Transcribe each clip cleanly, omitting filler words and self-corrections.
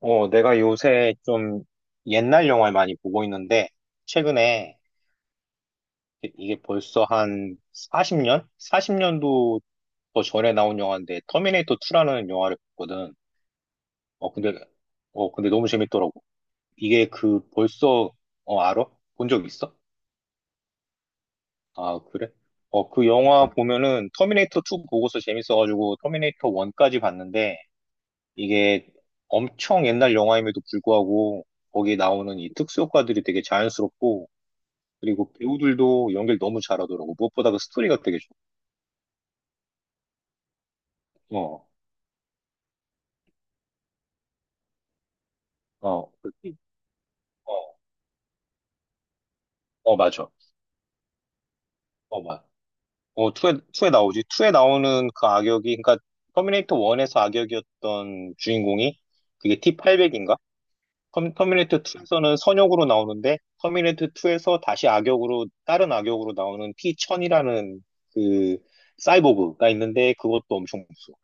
내가 요새 좀 옛날 영화를 많이 보고 있는데, 최근에 이게 벌써 한 40년? 40년도 더 전에 나온 영화인데, 터미네이터 2라는 영화를 봤거든. 어, 근데, 근데 너무 재밌더라고. 이게 그 벌써, 알아? 본 적 있어? 아, 그래? 그 영화 보면은 터미네이터 2 보고서 재밌어가지고 터미네이터 1까지 봤는데, 이게 엄청 옛날 영화임에도 불구하고, 거기에 나오는 이 특수효과들이 되게 자연스럽고, 그리고 배우들도 연기를 너무 잘하더라고. 무엇보다 그 스토리가 되게 좋고. 어, 어, 그- 어, 맞아. 맞아. 투에 나오지. 2에 나오는 그 악역이, 그러니까 터미네이터 1에서 악역이었던 주인공이 그게 T800인가? 터미네이터 2에서는 선역으로 나오는데 터미네이터 2에서 다시 악역으로 다른 악역으로 나오는 T1000이라는 그 사이보그가 있는데 그것도 엄청 무서워.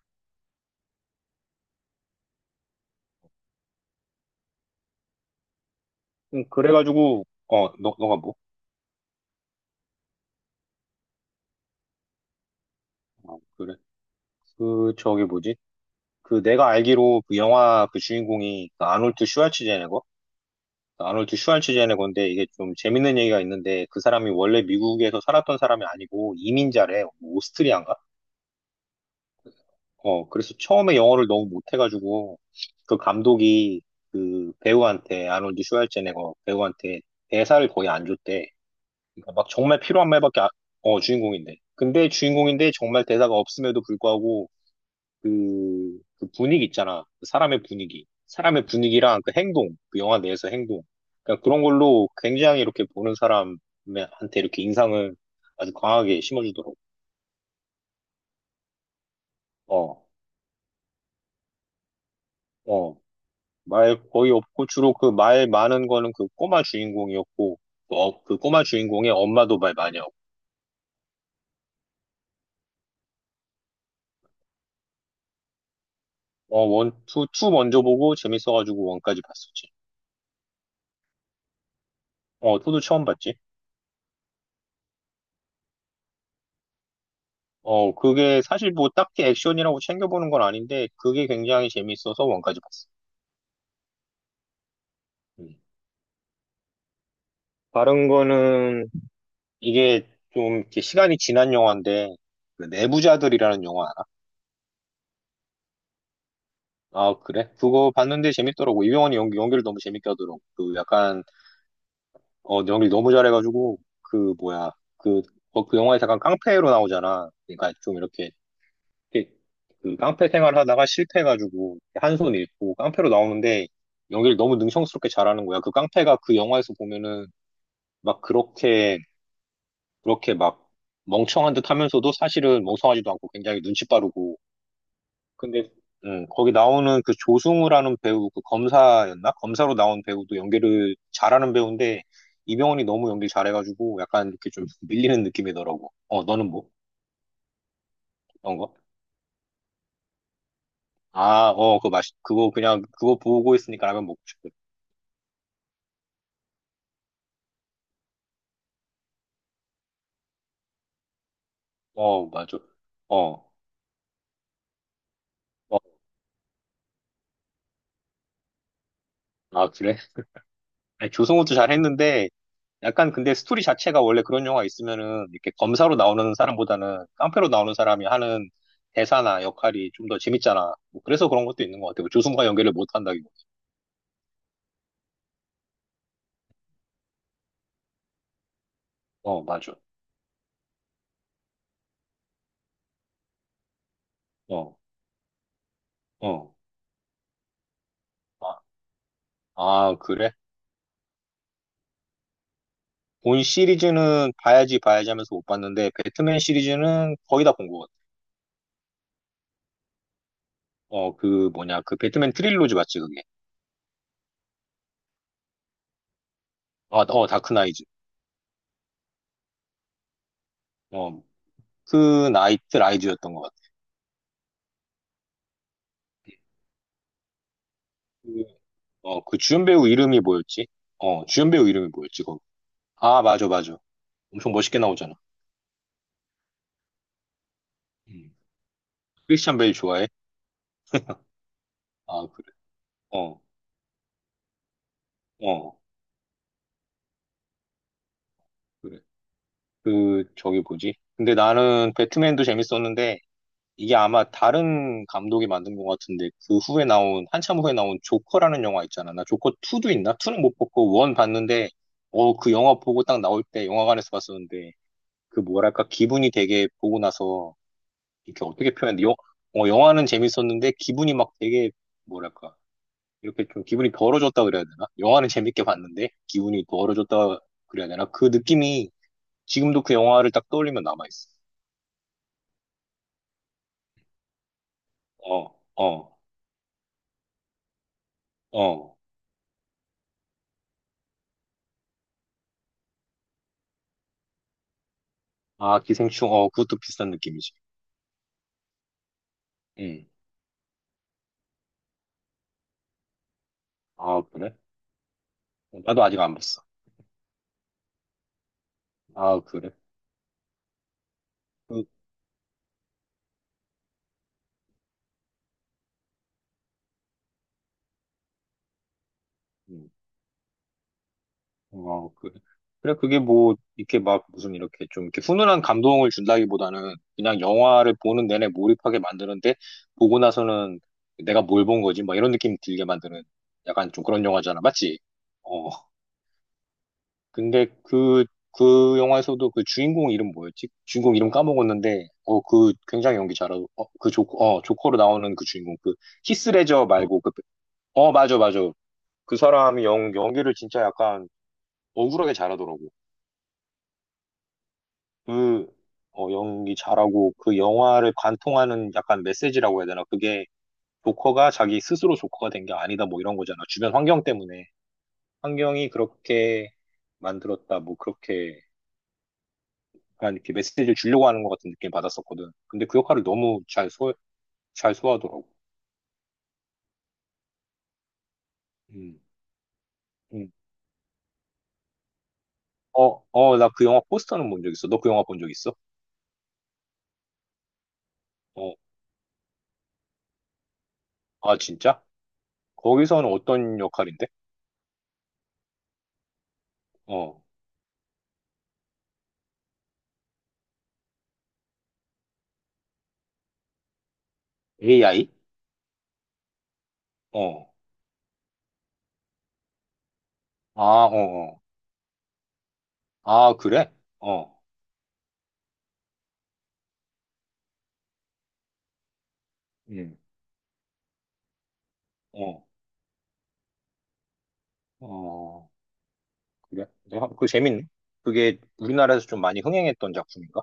그래가지고 너가 뭐? 그래. 그 저게 뭐지? 그 내가 알기로 그 영화 그 주인공이 그 아놀드 슈왈츠제네거? 그 아놀드 슈왈츠제네거인데 이게 좀 재밌는 얘기가 있는데 그 사람이 원래 미국에서 살았던 사람이 아니고 이민자래. 뭐 오스트리아인가? 그래서 처음에 영어를 너무 못해가지고 그 감독이 그 배우한테 아놀드 슈왈츠제네거 배우한테 대사를 거의 안 줬대. 그러니까 막 정말 필요한 말밖에 안- 주인공인데. 근데 주인공인데 정말 대사가 없음에도 불구하고 그 분위기 있잖아. 그 사람의 분위기. 사람의 분위기랑 그 행동, 그 영화 내에서 행동. 그러니까 그런 걸로 굉장히 이렇게 보는 사람한테 이렇게 인상을 아주 강하게 심어주더라고. 어, 어. 말 거의 없고, 주로 그 말 많은 거는 그 꼬마 주인공이었고, 그 꼬마 주인공의 엄마도 말 많이 하고. 원, 투 먼저 보고 재밌어가지고 원까지 봤었지. 투도 처음 봤지. 그게 사실 뭐 딱히 액션이라고 챙겨보는 건 아닌데, 그게 굉장히 재밌어서 원까지 봤어. 음. 다른 거는 이게 좀 이렇게 시간이 지난 영화인데 그 내부자들이라는 영화 알아? 아 그래? 그거 봤는데 재밌더라고. 이병헌이 연기를 너무 재밌게 하더라고. 그 약간, 연기 너무 잘해가지고 그 뭐야, 그, 그 영화에 잠깐 깡패로 나오잖아. 그러니까 좀 이렇게, 이렇게 그 깡패 생활하다가 실패해가지고 한 손 잃고 깡패로 나오는데 연기를 너무 능청스럽게 잘하는 거야. 그 깡패가 그 영화에서 보면은 막 그렇게 그렇게 멍청한 듯 하면서도 사실은 멍청하지도 않고 굉장히 눈치 빠르고. 근데, 거기 나오는 그 조승우라는 배우, 그 검사였나? 검사로 나온 배우도 연기를 잘하는 배우인데, 이병헌이 너무 연기 잘해가지고 약간 이렇게 좀 밀리는 느낌이더라고. 너는 뭐? 어떤 거? 아, 그거 그냥, 그거 보고 있으니까 라면 먹고 싶어. 맞아. 어, 어. 아, 그래? 아니, 조승우도 잘했는데, 약간 근데 스토리 자체가 원래 그런 영화 있으면은 이렇게 검사로 나오는 사람보다는 깡패로 나오는 사람이 하는 대사나 역할이 좀 더 재밌잖아. 뭐 그래서 그런 것도 있는 것 같아. 뭐 조승과 연결을 못 한다기보다. 맞아. 어, 어. 아, 아, 그래? 본 시리즈는 봐야지 봐야지 하면서 못 봤는데 배트맨 시리즈는 거의 다 본 것 같아. 그 뭐냐, 그 배트맨 트릴로지 맞지 그게? 아, 다크 나이즈. 어, 그 나이트 라이즈였던 것 같아. 그, 그 주연 배우 이름이 뭐였지? 주연 배우 이름이 뭐였지? 아, 맞아, 맞아. 엄청 멋있게 나오잖아. 음. 크리스찬 베일 좋아해? 아, 그래. 어, 어, 그래. 그, 저기 뭐지? 근데 나는 배트맨도 재밌었는데, 이게 아마 다른 감독이 만든 것 같은데, 한참 후에 나온 조커라는 영화 있잖아. 나 조커 2도 있나? 2는 못 봤고, 1 봤는데, 그 영화 보고 딱 나올 때 영화관에서 봤었는데, 그 뭐랄까, 기분이 되게 보고 나서, 이렇게 어떻게 표현해? 영화는 재밌었는데, 기분이 막 되게, 뭐랄까, 이렇게 좀 기분이 벌어졌다 그래야 되나? 영화는 재밌게 봤는데 기분이 벌어졌다 그래야 되나? 그 느낌이 지금도 그 영화를 딱 떠올리면 남아있어. 어, 어, 어. 아, 기생충, 그것도 비슷한 느낌이지. 응. 아, 그래? 나도 아직 안 봤어. 아, 그래? 그, 음. 어, 그, 그래, 그게 뭐, 이렇게 막 무슨 이렇게 좀 이렇게 훈훈한 감동을 준다기보다는 그냥 영화를 보는 내내 몰입하게 만드는데, 보고 나서는 내가 뭘 본 거지? 막 이런 느낌 들게 만드는 약간 좀 그런 영화잖아. 맞지? 어, 근데 그, 그 영화에서도 그 주인공 이름 뭐였지? 주인공 이름 까먹었는데, 그 굉장히 연기 잘하고, 조커로 나오는 그 주인공, 그, 히스레저 말고, 그, 맞아, 맞아. 그 사람이 연기를 진짜 약간 억울하게 잘하더라고. 그 연기 잘하고 그 영화를 관통하는 약간 메시지라고 해야 되나? 그게 조커가 자기 스스로 조커가 된 게 아니다 뭐 이런 거잖아. 주변 환경 때문에. 환경이 그렇게 만들었다 뭐 그렇게 약간 이렇게 메시지를 주려고 하는 것 같은 느낌 받았었거든. 근데 그 역할을 너무 잘 소화하더라고. 음, 음. 나 그 영화 포스터는 본 적 있어. 너 그 영화 본 적 있어? 어, 아, 진짜? 거기서는 어떤 역할인데? 어, AI? 어, 아, 어, 어. 아, 그래? 어. 음, 어, 어, 그래? 내가 그거 재밌네. 그게 우리나라에서 좀 많이 흥행했던 작품인가?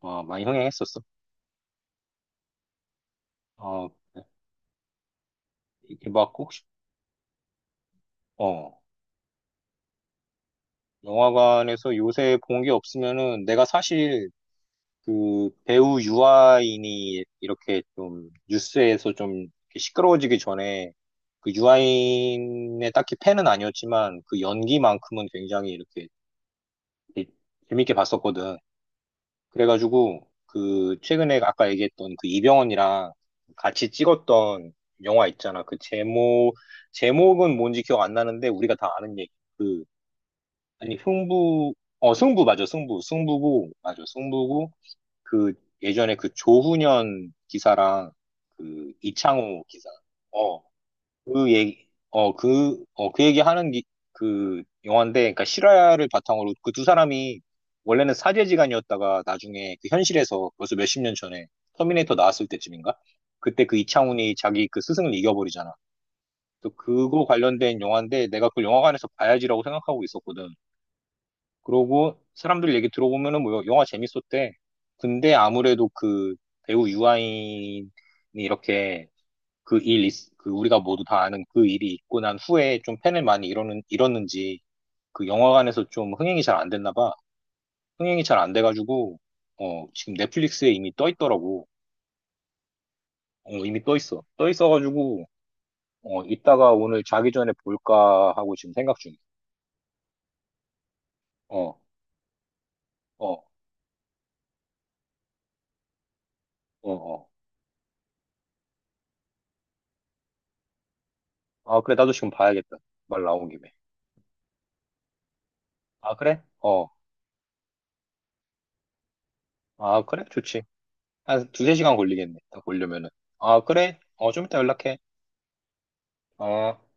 아, 많이 흥행했었어. 아, 그래. 이게 막 혹시, 어, 영화관에서 요새 본 게 없으면은 내가 사실 그 배우 유아인이 이렇게 좀 뉴스에서 좀 이렇게 시끄러워지기 전에, 그 유아인의 딱히 팬은 아니었지만 그 연기만큼은 굉장히 이렇게 재밌게 봤었거든. 그래가지고 그 최근에 아까 얘기했던 그 이병헌이랑 같이 찍었던 영화 있잖아. 그 제목은 뭔지 기억 안 나는데 우리가 다 아는 얘기. 그 아니, 승부 맞아, 승부고 맞아, 승부고. 그 예전에 그 조훈현 기사랑 그 이창호 기사. 어, 그 얘기, 어, 그, 어, 그 얘기 하는 그 영화인데, 그러니까 실화를 바탕으로 그 두 사람이 원래는 사제지간이었다가 나중에 그 현실에서 벌써 몇십 년 전에 터미네이터 나왔을 때쯤인가? 그때 그 이창훈이 자기 그 스승을 이겨버리잖아. 또 그거 관련된 영화인데 내가 그걸 영화관에서 봐야지라고 생각하고 있었거든. 그러고 사람들 얘기 들어보면은 뭐 영화 재밌었대. 근데 아무래도 그 배우 유아인이 이렇게 그 일, 그 우리가 모두 다 아는 그 일이 있고 난 후에 좀 팬을 많이 잃었는지 그 영화관에서 좀 흥행이 잘 안 됐나 봐. 흥행이 잘 안 돼가지고, 지금 넷플릭스에 이미 떠 있더라고. 이미 떠 있어. 떠 있어가지고, 이따가 오늘 자기 전에 볼까 하고 지금 생각 중이야. 어, 어, 어, 어. 아, 그래. 나도 지금 봐야겠다. 말 나온 김에. 아, 그래? 어. 아, 그래? 좋지. 한 두세 시간 걸리겠네. 다 보려면은. 아, 그래? 좀 이따 연락해. 어.